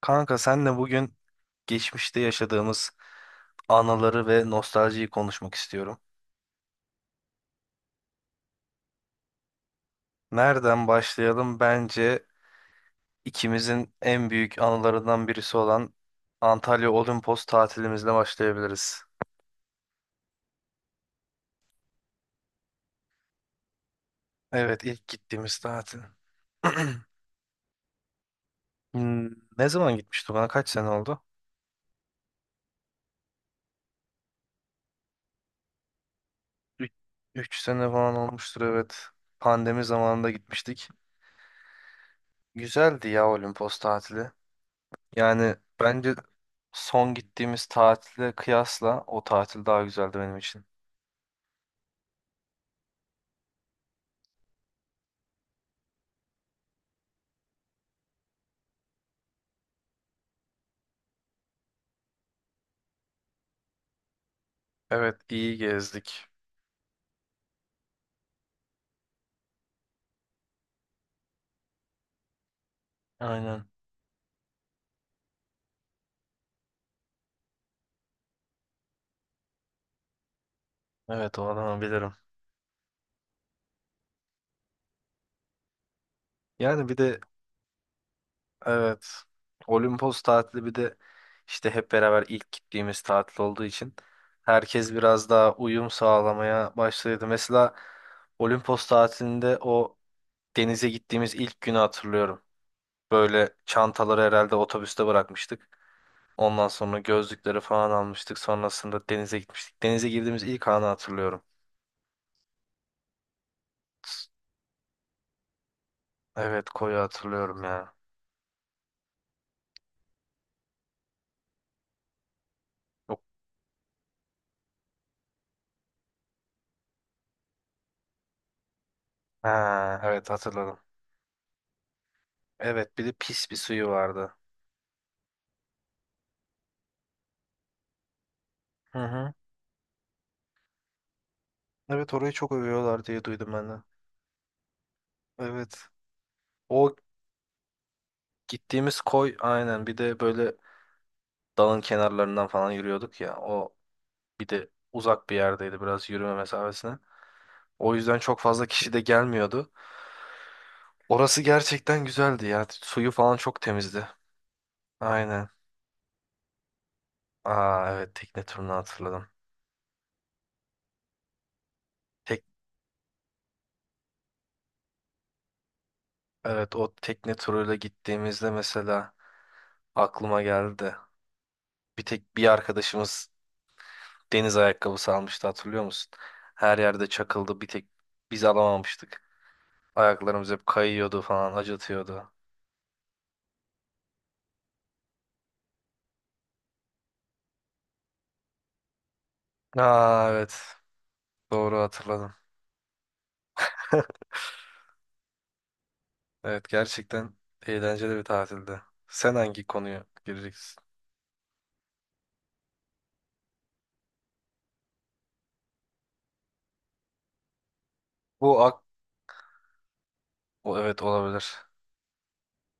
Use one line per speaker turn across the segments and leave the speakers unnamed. Kanka senle bugün geçmişte yaşadığımız anıları ve nostaljiyi konuşmak istiyorum. Nereden başlayalım? Bence ikimizin en büyük anılarından birisi olan Antalya Olimpos tatilimizle başlayabiliriz. Evet, ilk gittiğimiz tatil. Hmm, ne zaman gitmiştik ona? Kaç sene oldu? Üç üç sene falan olmuştur, evet. Pandemi zamanında gitmiştik. Güzeldi ya Olimpos tatili. Yani bence son gittiğimiz tatile kıyasla o tatil daha güzeldi benim için. Evet, iyi gezdik. Aynen. Evet, o adamı bilirim. Yani bir de evet, Olimpos tatili bir de işte hep beraber ilk gittiğimiz tatil olduğu için herkes biraz daha uyum sağlamaya başladı. Mesela Olimpos tatilinde o denize gittiğimiz ilk günü hatırlıyorum. Böyle çantaları herhalde otobüste bırakmıştık. Ondan sonra gözlükleri falan almıştık. Sonrasında denize gitmiştik. Denize girdiğimiz ilk anı hatırlıyorum. Evet, koyu hatırlıyorum ya. Yok. Ha, evet, hatırladım. Evet, bir de pis bir suyu vardı. Hı hı. Evet, orayı çok övüyorlar diye duydum ben de. Evet. O gittiğimiz koy, aynen, bir de böyle dalın kenarlarından falan yürüyorduk ya. O bir de uzak bir yerdeydi, biraz yürüme mesafesine. O yüzden çok fazla kişi de gelmiyordu. Orası gerçekten güzeldi ya. Suyu falan çok temizdi. Aynen. Aa, evet, tekne turunu hatırladım. Tek evet, o tekne turuyla gittiğimizde mesela aklıma geldi. Bir tek bir arkadaşımız deniz ayakkabısı almıştı, hatırlıyor musun? Her yerde çakıldı, bir tek biz alamamıştık. Ayaklarımız hep kayıyordu falan, acıtıyordu. Aa, evet, doğru, hatırladım. Evet, gerçekten eğlenceli bir tatildi. Sen hangi konuya gireceksin? Bu ak o, evet, olabilir.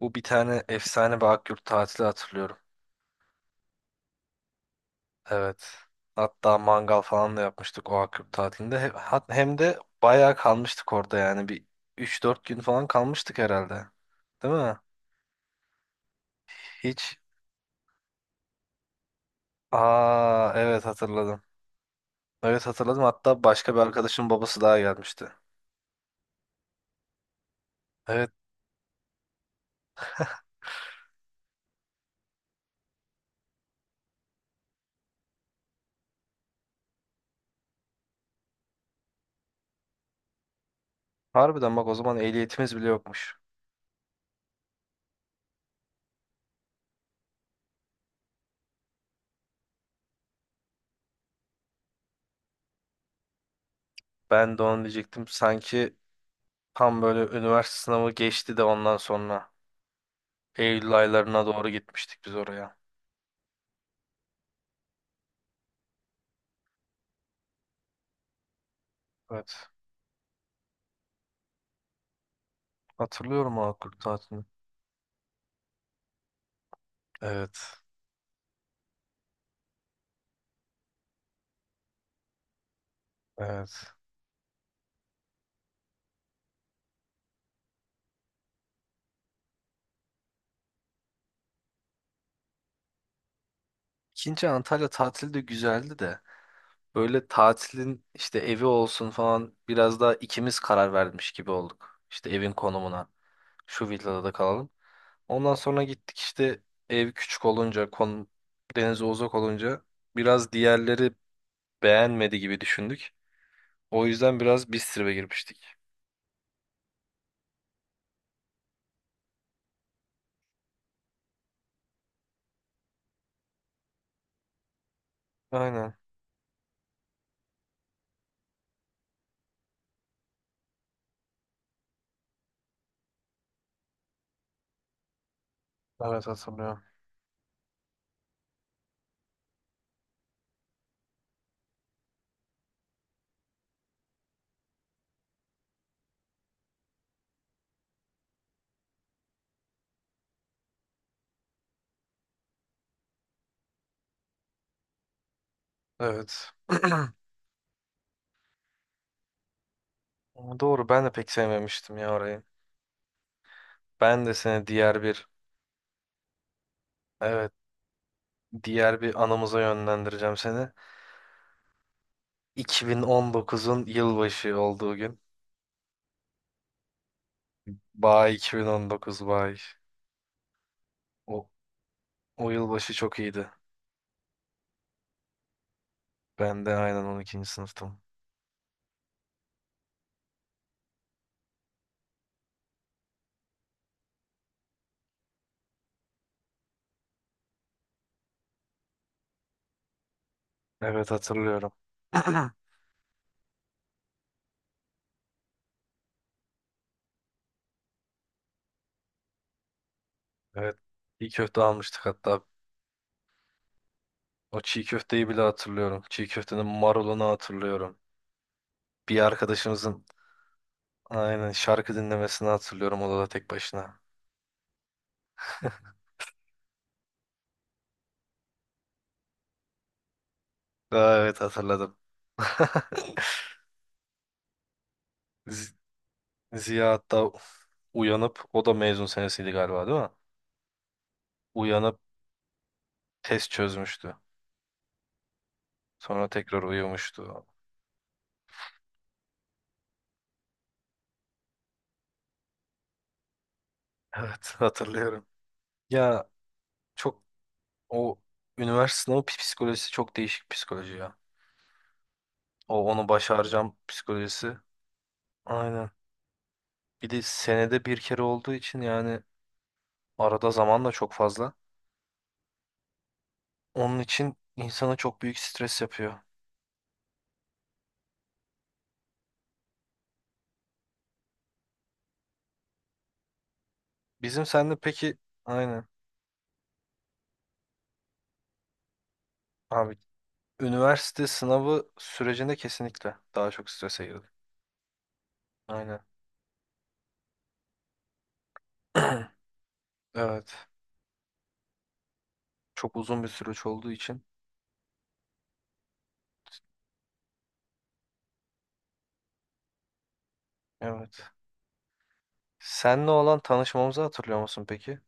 Bu bir tane efsane bir Akyurt tatili hatırlıyorum. Evet. Hatta mangal falan da yapmıştık o Akkup tatilinde. Hem de bayağı kalmıştık orada yani. Bir üç dört gün falan kalmıştık herhalde. Değil mi? Hiç. Aa, evet, hatırladım. Evet, hatırladım. Hatta başka bir arkadaşın babası daha gelmişti. Evet. Harbiden bak, o zaman ehliyetimiz bile yokmuş. Ben de onu diyecektim. Sanki tam böyle üniversite sınavı geçti de ondan sonra Eylül aylarına doğru gitmiştik biz oraya. Evet. Hatırlıyorum o Akkup tatilini. Evet. Evet. İkinci Antalya tatili de güzeldi de böyle tatilin işte evi olsun falan biraz daha ikimiz karar vermiş gibi olduk. İşte evin konumuna, şu villada da kalalım. Ondan sonra gittik işte, ev küçük olunca, konum denize uzak olunca biraz diğerleri beğenmedi gibi düşündük. O yüzden biraz Bistrip'e girmiştik. Aynen. Evet, hatırlıyorum. Evet. Ama doğru, ben de pek sevmemiştim ya orayı. Ben de seni diğer bir evet, diğer bir anımıza yönlendireceğim seni. 2019'un yılbaşı olduğu gün. Bay 2019 bay. O, o yılbaşı çok iyiydi. Ben de aynen 12. sınıftım. Evet, hatırlıyorum. Evet. Çiğ köfte almıştık hatta. O çiğ köfteyi bile hatırlıyorum. Çiğ köftenin marulunu hatırlıyorum. Bir arkadaşımızın, aynen, şarkı dinlemesini hatırlıyorum odada tek başına. Aa, evet, hatırladım. Z- Ziya hatta uyanıp, o da mezun senesiydi galiba, değil mi? Uyanıp test çözmüştü. Sonra tekrar uyumuştu. Evet, hatırlıyorum. Ya çok o üniversite sınavı psikolojisi çok değişik psikoloji ya. O onu başaracağım psikolojisi. Aynen. Bir de senede bir kere olduğu için yani arada zaman da çok fazla. Onun için insana çok büyük stres yapıyor. Bizim sende peki, aynen abi, üniversite sınavı sürecinde kesinlikle daha çok strese girdim. Aynen. Evet. Çok uzun bir süreç olduğu için. Evet. Senle olan tanışmamızı hatırlıyor musun peki?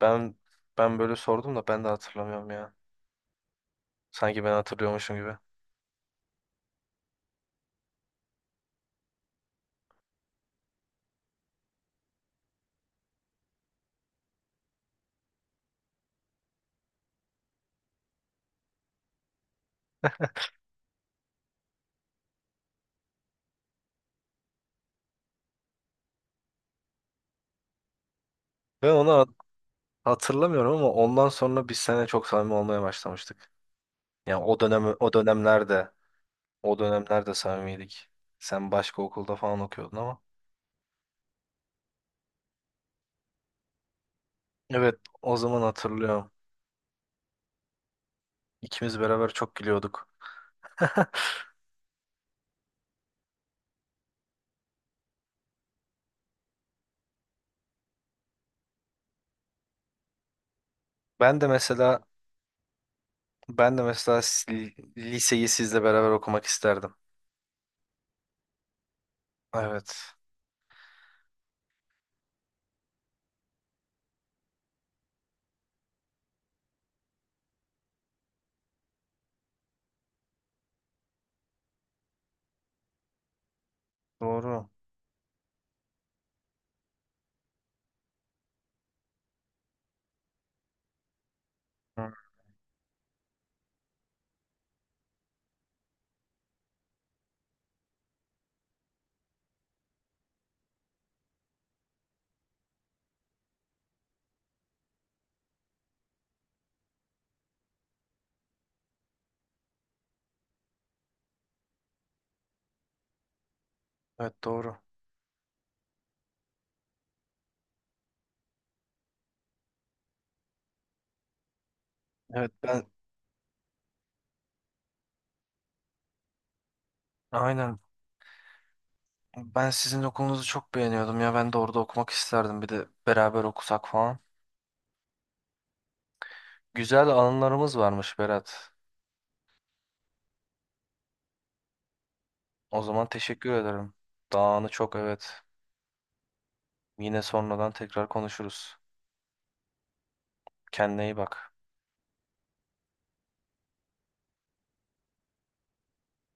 Ben ben böyle sordum da ben de hatırlamıyorum ya. Sanki ben hatırlıyormuşum gibi. Ben onu hat- hatırlamıyorum ama ondan sonra biz seninle çok samimi olmaya başlamıştık. Yani o dönemlerde o dönemlerde samimiydik. Sen başka okulda falan okuyordun ama. Evet, o zaman hatırlıyorum. İkimiz beraber çok gülüyorduk. Ben de mesela, ben de mesela s- liseyi sizle beraber okumak isterdim. Evet. Doğru. Hı, evet, doğru. Evet ben aynen. Ben sizin okulunuzu çok beğeniyordum ya. Ben de orada okumak isterdim. Bir de beraber okusak falan. Güzel anılarımız varmış Berat. O zaman teşekkür ederim. Dağını çok, evet. Yine sonradan tekrar konuşuruz. Kendine iyi bak.